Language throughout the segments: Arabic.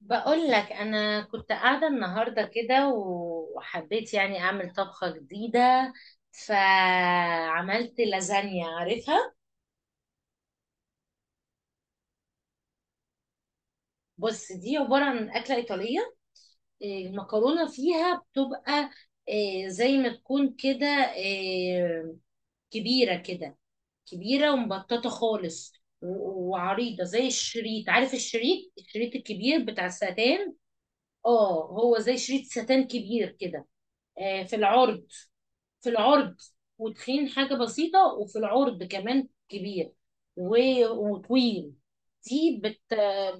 بقول لك انا كنت قاعده النهارده كده وحبيت يعني اعمل طبخه جديده. فعملت لازانيا، عارفها؟ بص، دي عباره عن اكله ايطاليه. المكرونه فيها بتبقى زي ما تكون كده، إيه، كبيره كده، كبيره ومبططه خالص، وعريضه زي الشريط. عارف الشريط الكبير بتاع الستان؟ اه، هو زي شريط ستان كبير كده. آه، في العرض، في العرض وتخين حاجة بسيطة وفي العرض كمان كبير، وطويل. دي بت...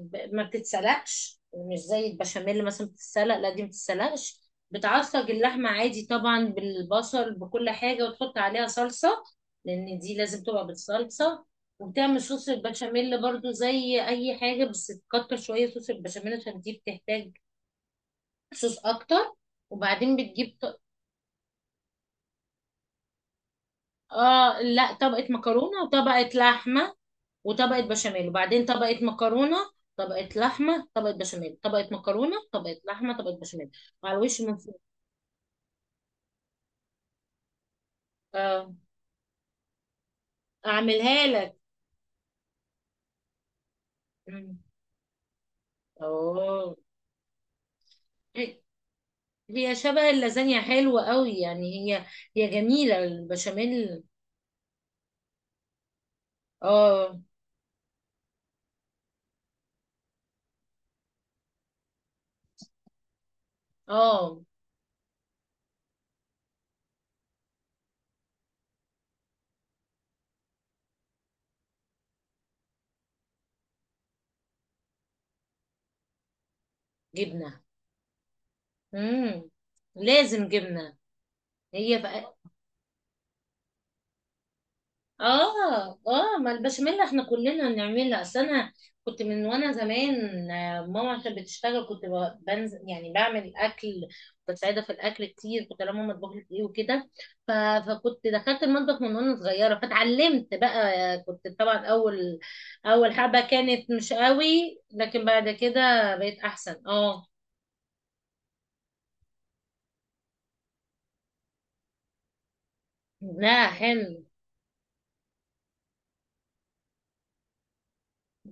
ما بتتسلقش، مش زي البشاميل مثلا بتتسلق، لا دي ما بتتسلقش. بتعصج اللحمة عادي طبعا بالبصل بكل حاجة وتحط عليها صلصة، لأن دي لازم تبقى بالصلصة. وبتعمل صوص البشاميل برضو زي أي حاجة، بس تكتر شوية صوص البشاميل عشان دي بتحتاج صوص أكتر. وبعدين بتجيب. اه، لا، طبقة مكرونة وطبقة لحمة، وطبقة بشاميل، وبعدين طبقة مكرونة، طبقة لحمة، طبقة بشاميل، طبقة مكرونة، طبقة لحمة، طبقة بشاميل. وعلى الوش من فوق. اه، اعملها لك. مم. اوه. هي هي شبه اللازانيا، حلوة قوي يعني. هي، هي جميلة البشاميل. اه، اه، جبنة. مم. لازم جبنة. هي. اه، اه، ما البشاميل احنا كلنا بنعملها. اصل انا كنت من وانا زمان، آه، ماما عشان بتشتغل كنت بنزل يعني بعمل اكل، بساعدها في الاكل كتير. كنت لما ماما تطبخ لي ايه وكده، ف- فكنت دخلت المطبخ من وانا صغيره فاتعلمت بقى. آه، كنت طبعا اول، اول حبه كانت مش قوي، لكن بعد كده بقيت احسن. اه. لا، حلو.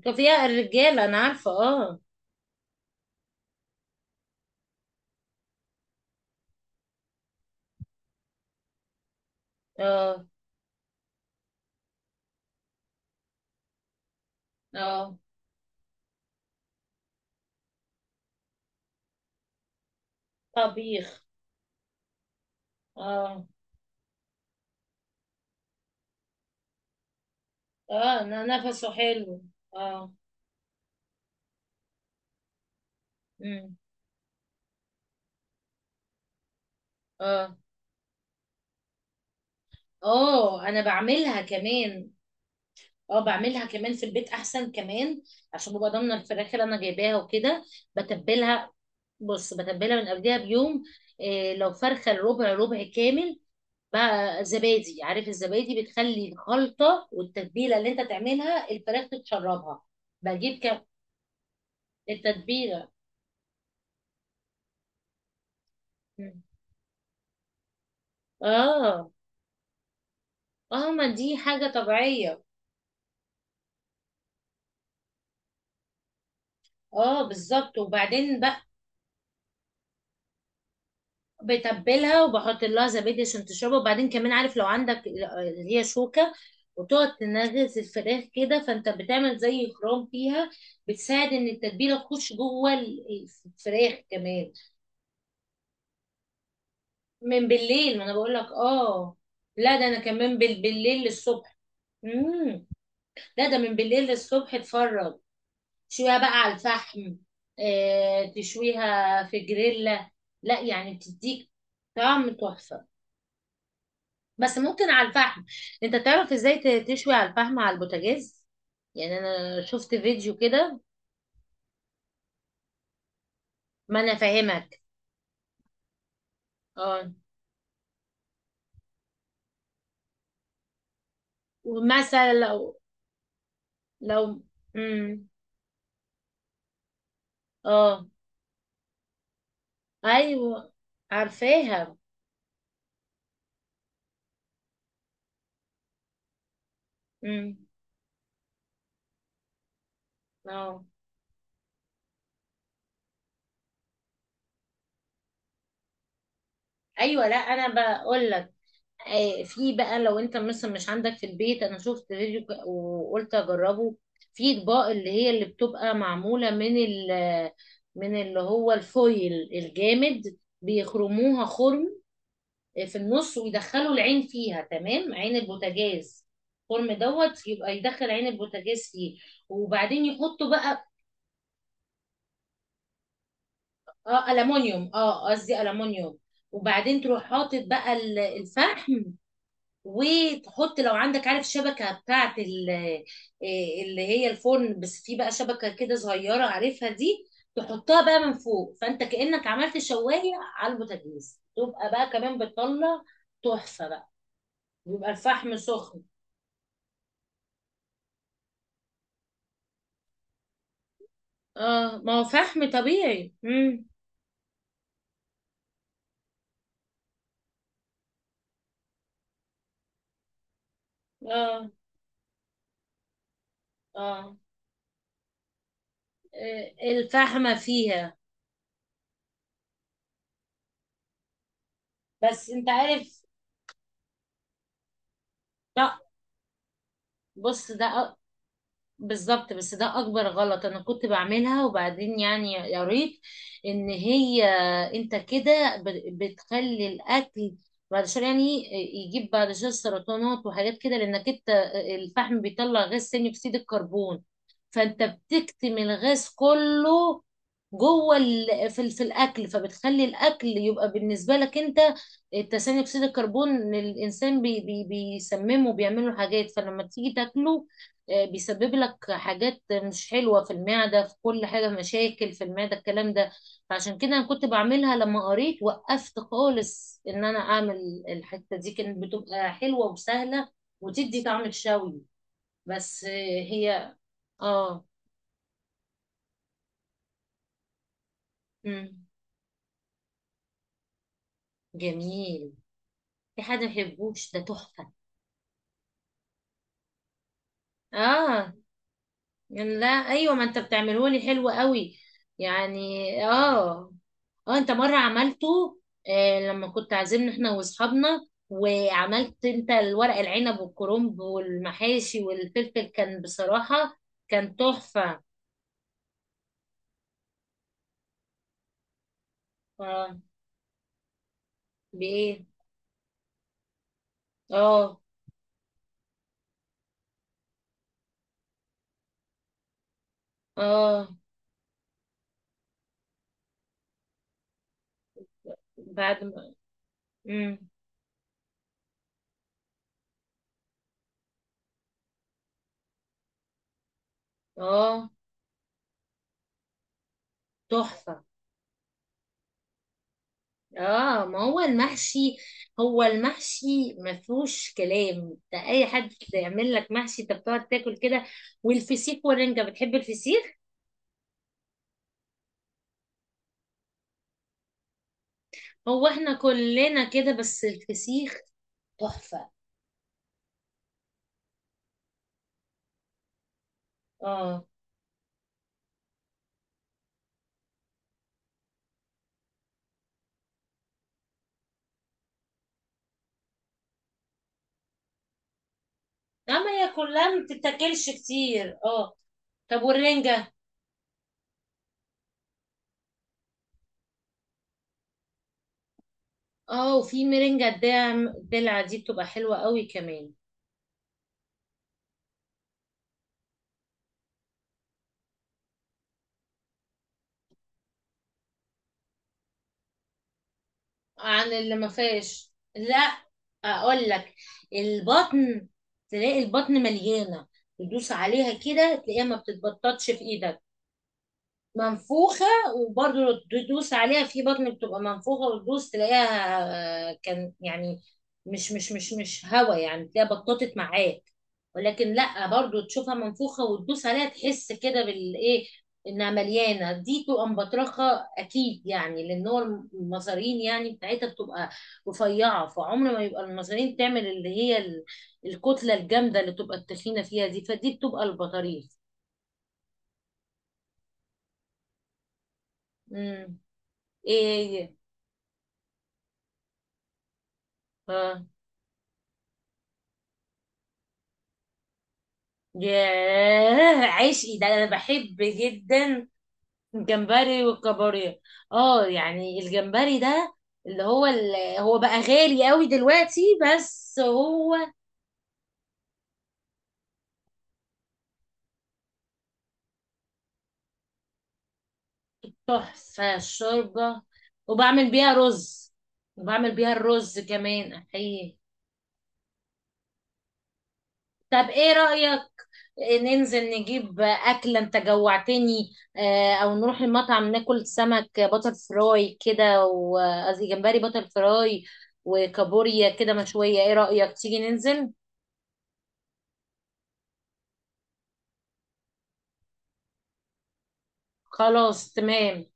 كان فيها الرجاله، انا عارفه. اه، اه، اه، طبيخ. اه، اه، نفسه حلو. اه، امم. اه، اه، انا بعملها كمان. اه، بعملها كمان في البيت احسن كمان، عشان ببقى ضامنه الفراخ اللي انا جايباها وكده. بتبلها. بص، بتبلها من قبلها بيوم. إيه، لو فرخه ربع، ربع كامل بقى، زبادي. عارف الزبادي؟ بتخلي الخلطه والتتبيله اللي انت تعملها الفراخ تتشربها. بجيب كم. التتبيله. مم. اه، اه، ما دي حاجه طبيعيه. اه، بالظبط. وبعدين بقى بتبلها وبحط لها زبادي عشان تشربها. وبعدين كمان، عارف لو عندك اللي هي شوكة، وتقعد تنغز الفراخ كده، فانت بتعمل زي خرام فيها، بتساعد ان التتبيلة تخش جوه الفراخ كمان. من بالليل، ما انا بقول لك. اه. لا، ده انا كمان بالليل للصبح. امم. لا، ده من بالليل للصبح اتفرج. تشويها بقى على الفحم. تشويها في جريلا؟ لا، يعني بتديك طعم تحفة، بس ممكن على الفحم. انت تعرف ازاي تشوي على الفحم على البوتاجاز؟ يعني انا شفت فيديو كده. ما انا فاهمك. اه، ومثلا لو، لو. امم. اه، ايوه، عارفاها. امم. اه، ايوه. لا انا بقول لك، في بقى لو انت مثلا مش عندك في البيت. انا شفت فيديو وقلت اجربه، في اطباق اللي هي اللي بتبقى معمولة من من اللي هو الفويل الجامد. بيخرموها خرم، في النص، ويدخلوا العين فيها تمام، عين البوتاجاز. الخرم دوت يبقى يدخل عين البوتاجاز فيه. وبعدين يحطوا بقى. اه، ألمونيوم، اه، قصدي ألمونيوم. وبعدين تروح حاطط بقى الفحم. وتحط، لو عندك، عارف شبكة بتاعت إيه، اللي هي الفرن؟ بس في بقى شبكة كده صغيرة، عارفها دي. تحطها بقى من فوق، فانت كأنك عملت شواية على البوتاجاز، تبقى بقى كمان بتطلع تحفة بقى. بيبقى الفحم سخن. اه، ما هو فحم طبيعي. امم. اه، اه، إيه، الفحمة فيها. بس انت عارف، لا، بص، ده بالظبط، بس ده اكبر غلط. انا كنت بعملها وبعدين يعني قريت ان هي انت كده بتخلي الاكل بعد شويه يعني يجيب بعد شويه سرطانات وحاجات كده. لانك انت الفحم بيطلع غاز ثاني اكسيد الكربون، فانت بتكتم الغاز كله جوه في الاكل، فبتخلي الاكل يبقى بالنسبه لك انت ثاني اكسيد الكربون. إن الانسان بيسممه، بيعمله حاجات. فلما تيجي تاكله، بيسبب لك حاجات مش حلوه في المعده، في كل حاجه مشاكل في المعده الكلام ده. فعشان كده انا كنت بعملها، لما قريت وقفت خالص ان انا اعمل الحته دي. كانت بتبقى حلوه وسهله وتدي طعم الشوي، بس هي. اه. مم. جميل. في حد ما يحبوش، ده تحفة. اه، يعني لا، ايوه، ما انت بتعمله لي حلو قوي يعني. اه، اه، انت مرة عملته. آه، لما كنت عازمنا احنا واصحابنا، وعملت انت الورق العنب والكرنب والمحاشي والفلفل كان بصراحة كان تحفة. اه، بايه. اه، اه، بعد ما. مم. اه، تحفة. اه، ما هو المحشي، هو المحشي ما فيهوش كلام. ده اي حد يعمل لك محشي انت بتقعد تاكل كده. والفسيخ والرنجة، بتحب الفسيخ؟ هو احنا كلنا كده، بس الفسيخ تحفة. اه، اما هي كلها ما بتتاكلش كتير. اه، طب، والرنجة؟ اه، وفي مرنجة الدلع، الدلع دي بتبقى حلوة قوي كمان. عن اللي ما فيهاش، لا، اقول لك، البطن. تلاقي البطن مليانه، تدوس عليها كده تلاقيها ما بتتبططش في ايدك. منفوخة. وبرضه تدوس عليها في بطن بتبقى منفوخة وتدوس تلاقيها، آه، كان يعني مش هوا يعني تلاقيها بططت معاك. ولكن لا، برضه تشوفها منفوخة وتدوس عليها تحس كده بالايه انها مليانة، دي تبقى مبطرخة اكيد. يعني لان هو المصارين يعني بتاعتها بتبقى رفيعة، فعمر ما يبقى المصارين تعمل اللي هي الكتلة الجامدة اللي تبقى التخينة فيها دي، فدي بتبقى البطاريخ. امم. ايه هي؟ اه. ياه، عشقي ده، انا بحب جدا. الجمبري والكابوريا. اه، يعني الجمبري ده اللي هو بقى غالي قوي دلوقتي، بس هو تحفة الشوربة. وبعمل بيها رز، وبعمل بيها الرز كمان، احيه. طب، ايه رأيك ننزل نجيب أكلة؟ انت جوعتني. او نروح المطعم ناكل سمك باتر فراي كده، وقصدي جمبري باتر فراي وكابوريا كده مشوية. ايه رأيك تيجي ننزل؟ خلاص، تمام.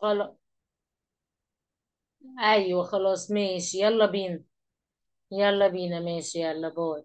خلاص، ايوه، خلاص ماشي، يلا بينا. يلا بينا، ماشي، يلا، باي.